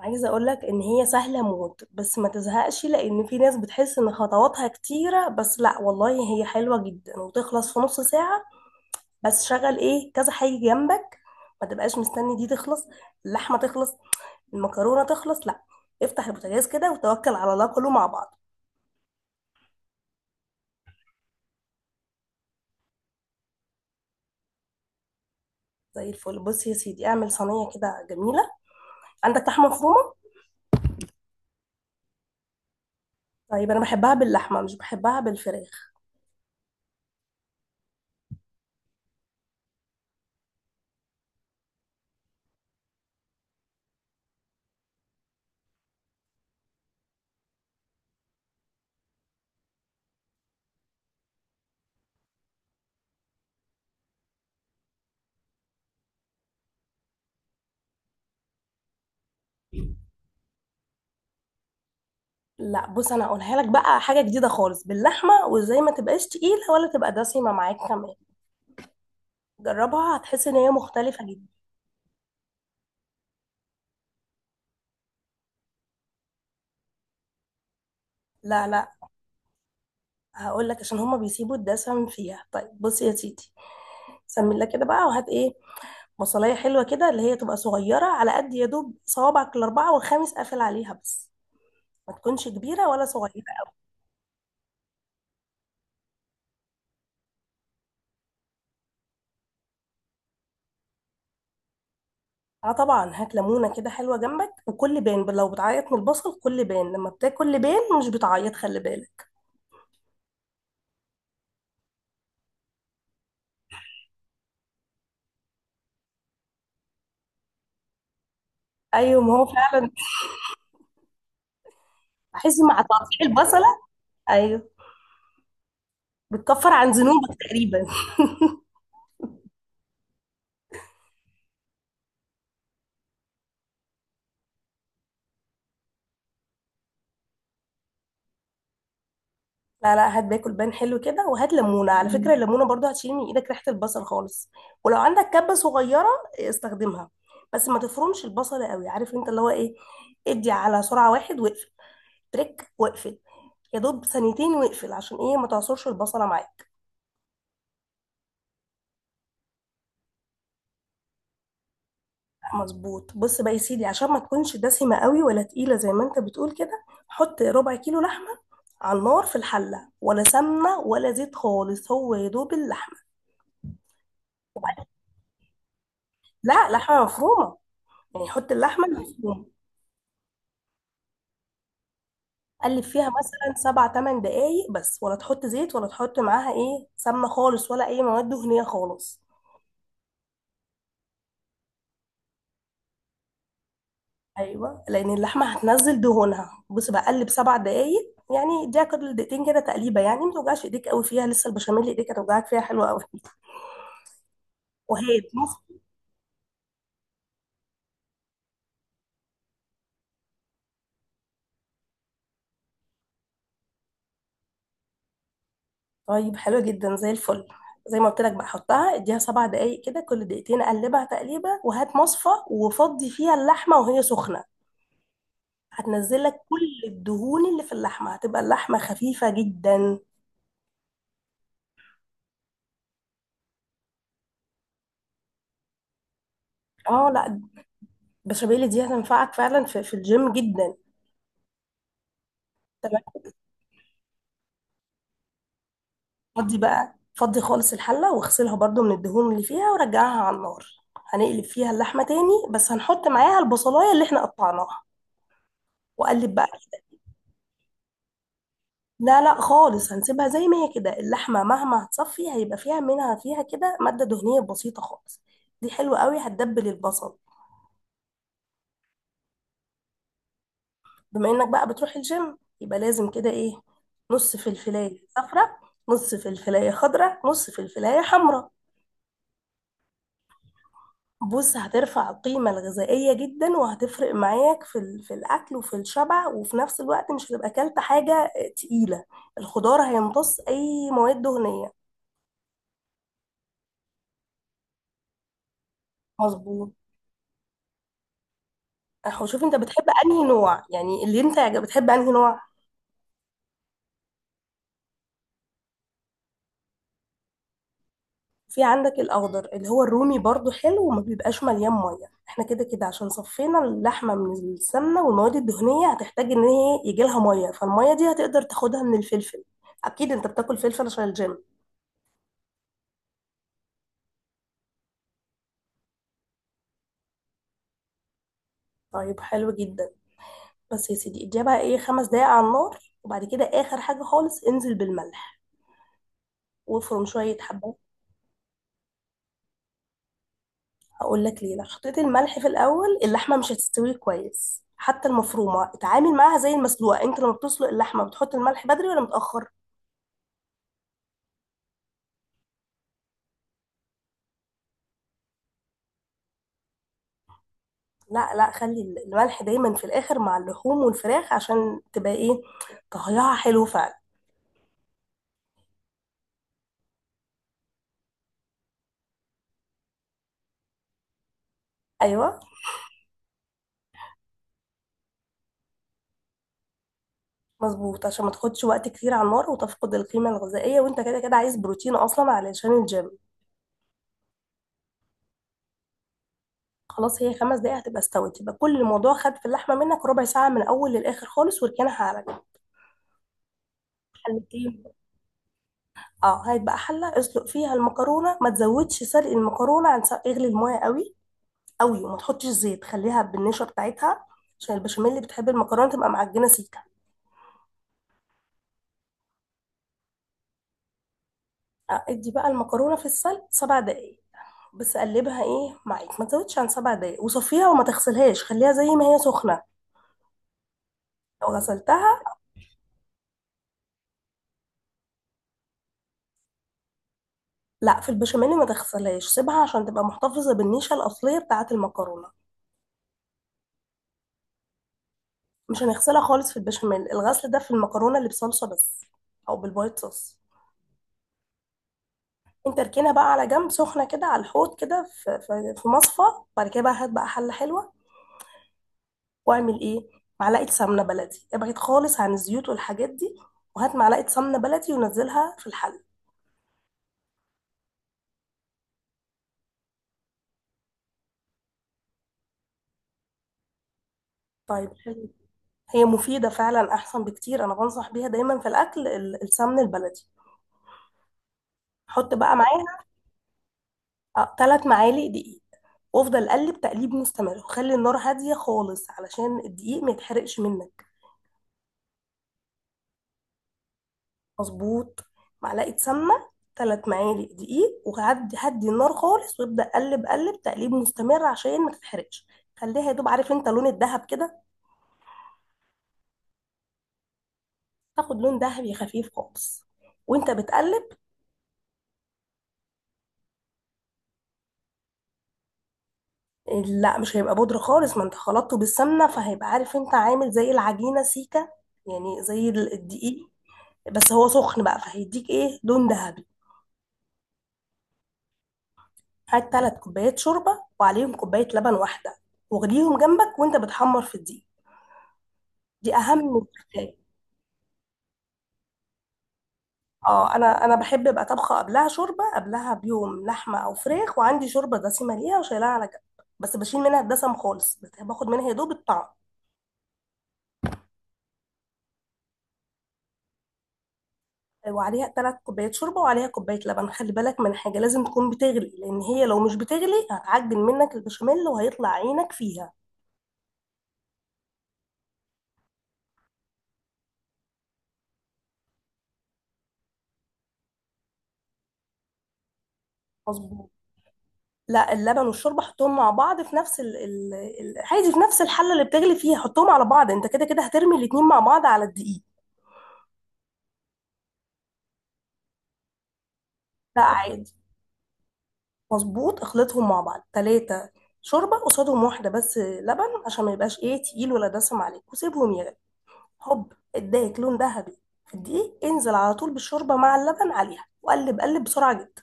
عايزة اقولك ان هي سهلة موت، بس ما تزهقش، لان في ناس بتحس ان خطواتها كتيرة، بس لا والله هي حلوة جدا وتخلص في نص ساعة. بس شغل ايه كذا حاجة جنبك، ما تبقاش مستني دي تخلص، اللحمة تخلص، المكرونة تخلص، لا، افتح البوتاجاز كده وتوكل على الله كله مع بعض. زي الفل. بص يا سيدي، اعمل صينية كده جميلة. عندك لحمة مفرومة؟ طيب انا بحبها باللحمة مش بحبها بالفراخ. لا بص، انا هقولها لك بقى حاجة جديدة خالص باللحمة، وازاي ما تبقاش تقيلة ولا تبقى دسمة معاك كمان. جربها هتحس ان هي مختلفة جدا. لا، لا. هقول لك، عشان هما بيسيبوا الدسم فيها. طيب بص يا سيدي، سمي لك كده بقى، وهات ايه؟ بصلايه حلوه كده، اللي هي تبقى صغيره على قد يا دوب صوابعك الاربعه والخامس قافل عليها بس، ما تكونش كبيره ولا صغيره. اه طبعا، هات ليمونه كده حلوه جنبك، وكل بان. لو بتعيط من البصل كل بان، لما بتاكل لبان مش بتعيط، خلي بالك. ايوه ما هو فعلا بحس مع تقطيع البصله. ايوه، بتكفر عن ذنوبك تقريبا. لا لا، هات باكل بان حلو كده، وهات ليمونه على فكره. الليمونه برضو هتشيل من ايدك ريحه البصل خالص. ولو عندك كبه صغيره استخدمها، بس ما تفرمش البصل قوي، عارف انت اللي هو ايه، ادي على سرعه واحد واقفل، تريك واقفل، يا دوب ثانيتين واقفل، عشان ايه؟ ما تعصرش البصله معاك. مظبوط. بص بقى يا سيدي، عشان ما تكونش دسمه قوي ولا تقيله زي ما انت بتقول كده، حط ربع كيلو لحمه على النار في الحله، ولا سمنه ولا زيت خالص، هو يا دوب اللحمه. لا لحمه مفرومه، يعني حط اللحمه المفرومه. قلب فيها مثلا سبع تمن دقايق بس، ولا تحط زيت ولا تحط معاها ايه سمنه خالص، ولا اي مواد دهنيه خالص. ايوه، لان اللحمه هتنزل دهونها. بص بقى، قلب سبع دقايق، يعني اديها كل دقيقتين كده تقليبه، يعني ما توجعش ايديك قوي فيها، لسه البشاميل ايديك هتوجعك فيها حلوه قوي. وهي تنفع. طيب حلوه جدا زي الفل. زي ما قلت لك بقى، حطها اديها سبع دقايق كده، كل دقيقتين قلبها تقليبه، وهات مصفى وفضي فيها اللحمه وهي سخنه. هتنزل لك كل الدهون اللي في اللحمه، هتبقى اللحمه خفيفه جدا. اه لا، البشاميل دي هتنفعك فعلا في الجيم جدا. تمام. فضي بقى فضي خالص الحله، واغسلها برضو من الدهون اللي فيها، ورجعها على النار. هنقلب فيها اللحمه تاني، بس هنحط معاها البصلايه اللي احنا قطعناها، وقلب بقى. لا لا خالص، هنسيبها زي ما هي كده، اللحمه مهما هتصفي هيبقى فيها منها فيها كده ماده دهنيه بسيطه خالص، دي حلوه قوي هتدبل البصل. بما انك بقى بتروح الجيم، يبقى لازم كده ايه، نص فلفلايه صفراء، نص فلفلايه خضراء، نص فلفلايه حمراء. بص، هترفع القيمة الغذائية جدا، وهتفرق معاك في الأكل وفي الشبع، وفي نفس الوقت مش هتبقى أكلت حاجة تقيلة. الخضار هيمتص أي مواد دهنية. مظبوط. أهو شوف أنت بتحب أنهي نوع، يعني اللي أنت بتحب أنهي نوع. في عندك الاخضر اللي هو الرومي برضو حلو، وما بيبقاش مليان ميه. احنا كده كده عشان صفينا اللحمه من السمنه والمواد الدهنيه، هتحتاج ان هي يجي لها ميه، فالميه دي هتقدر تاخدها من الفلفل. اكيد انت بتاكل فلفل عشان الجيم. طيب حلو جدا. بس يا سيدي، اديها بقى ايه خمس دقايق على النار، وبعد كده اخر حاجه خالص انزل بالملح، وافرم شويه حبات. هقول لك ليه، لو حطيت الملح في الاول اللحمه مش هتستوي كويس، حتى المفرومه اتعامل معاها زي المسلوقه. انت لما بتسلق اللحمه بتحط الملح بدري ولا متاخر؟ لا لا، خلي الملح دايما في الاخر مع اللحوم والفراخ، عشان تبقى ايه طهيها حلو فعلا. ايوه مظبوط، عشان ما تاخدش وقت كتير على النار وتفقد القيمه الغذائيه، وانت كده كده عايز بروتين اصلا علشان الجيم. خلاص، هي خمس دقايق هتبقى استوت، يبقى كل الموضوع خد في اللحمه منك ربع ساعه، من الاول للاخر خالص، وركنها على جنب. حلتين. اه، هيبقى حله اسلق فيها المكرونه، ما تزودش سلق المكرونه عن سلق، اغلي المايه قوي قوي، وما تحطش زيت، خليها بالنشا بتاعتها، عشان البشاميل اللي بتحب المكرونه تبقى معجنه سيكه. ادي بقى المكرونه في السلق سبع دقايق بس، قلبها ايه معاك، ما تزودش عن سبع دقايق، وصفيها وما تغسلهاش، خليها زي ما هي سخنه. لو غسلتها، لا في البشاميل ما تغسلهاش سيبها، عشان تبقى محتفظه بالنيشه الاصليه بتاعه المكرونه. مش هنغسلها خالص في البشاميل، الغسل ده في المكرونه اللي بصلصه بس، او بالوايت صوص. انت اركنها بقى على جنب سخنه كده على الحوض كده في في مصفى. بعد كده بقى هات بقى حله حلوه، واعمل ايه، معلقه سمنه بلدي، ابعد خالص عن الزيوت والحاجات دي، وهات معلقه سمنه بلدي ونزلها في الحل. طيب حلو. هي مفيده فعلا احسن بكتير، انا بنصح بيها دايما في الاكل، السمن البلدي. حط بقى معاها ثلاث معالق دقيق، وافضل قلب تقليب مستمر، وخلي النار هاديه خالص علشان الدقيق ما يتحرقش منك. مظبوث. معلقه سمنه، ثلاث معالق دقيق، وهدي هدي النار خالص، وابدا قلب قلب تقليب مستمر عشان ما تتحرقش. خليها يا دوب عارف انت لون الذهب كده، تاخد لون ذهبي خفيف خالص وانت بتقلب. لا مش هيبقى بودرة خالص، ما انت خلطته بالسمنة فهيبقى عارف انت عامل زي العجينة سيكة، يعني زي الدقيق، بس هو سخن بقى فهيديك ايه لون ذهبي. هات تلات كوبايات شوربة وعليهم كوباية لبن واحدة، واغليهم جنبك وانت بتحمر في الدقيق، دي اهم حاجة. اه، انا بحب ابقى طبخه قبلها شوربه، قبلها بيوم لحمه او فراخ، وعندي شوربه دسمه ليها وشايلها على جنب، بس بشيل منها الدسم خالص، بس باخد منها يا دوب الطعم. وعليها ثلاث كوبايات شوربه، وعليها كوبايه لبن. خلي بالك من حاجه، لازم تكون بتغلي، لان هي لو مش بتغلي هتعجن منك البشاميل وهيطلع عينك فيها. مظبوط. لا، اللبن والشوربه حطهم مع بعض في نفس عادي في نفس الحله اللي بتغلي فيها، حطهم على بعض، انت كده كده هترمي الاتنين مع بعض على الدقيق. لا عادي. مظبوط، اخلطهم مع بعض، ثلاثه شوربه قصادهم واحده بس لبن، عشان ما يبقاش ايه تقيل ولا دسم عليك، وسيبهم يغلي. هوب، اداك لون ذهبي في الدقيق، انزل على طول بالشوربه مع اللبن عليها، وقلب قلب بسرعه جدا،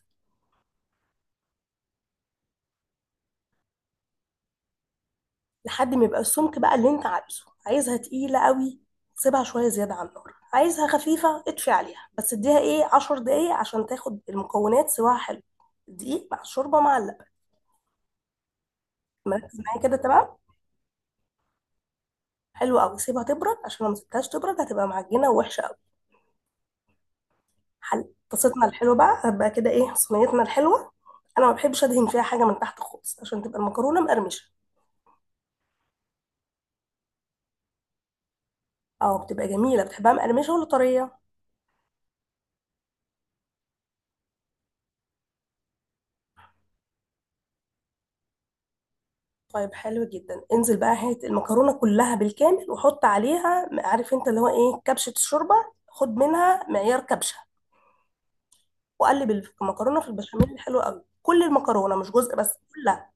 لحد ما يبقى السمك بقى اللي انت عايزه. عايزها تقيله قوي، سيبها شويه زياده على النار. عايزها خفيفه، اطفي عليها، بس اديها ايه 10 دقايق عشان تاخد المكونات سواها حلو، الدقيق مع الشوربه مع اللبن. مركز معايا كده؟ تمام. حلو قوي. سيبها تبرد، عشان لو ما سبتهاش تبرد هتبقى معجنه ووحشه قوي. حل طاستنا الحلوه بقى، هتبقى كده ايه صينيتنا الحلوه. انا ما بحبش ادهن فيها حاجه من تحت خالص، عشان تبقى المكرونه مقرمشه. اه، بتبقى جميلة. بتحبها مقرمشة ولا طرية؟ طيب حلو جدا. انزل بقى، هات المكرونة كلها بالكامل، وحط عليها عارف انت اللي هو ايه، كبشة الشوربة، خد منها معيار كبشة، وقلب المكرونة في البشاميل. حلو قوي، كل المكرونة مش جزء بس، كلها.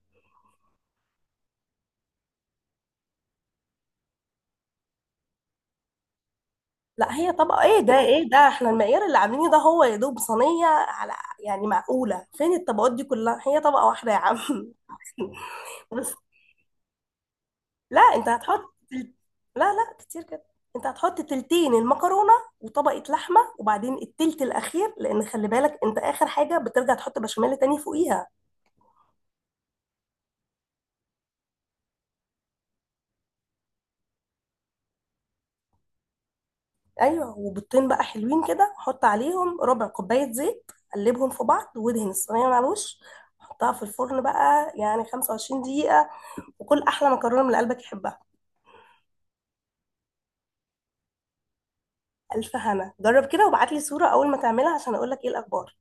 لا، هي طبقة ايه ده ايه ده، احنا المعيار اللي عاملينه ده هو يا دوب صينية على، يعني معقولة فين الطبقات دي كلها، هي طبقة واحدة يا عم. لا انت لا لا، كتير كده. انت هتحط تلتين المكرونه، وطبقه لحمه، وبعدين التلت الاخير، لان خلي بالك انت اخر حاجه بترجع تحط بشاميل تاني فوقيها. ايوه، وبيضتين بقى حلوين كده، حط عليهم ربع كوبايه زيت، قلبهم في بعض وادهن الصينيه من على الوش. حطها في الفرن بقى يعني 25 دقيقه، وكل احلى مكرونه من اللي قلبك يحبها. الف هنا، جرب كده وابعت لي صوره اول ما تعملها، عشان اقول لك ايه الاخبار.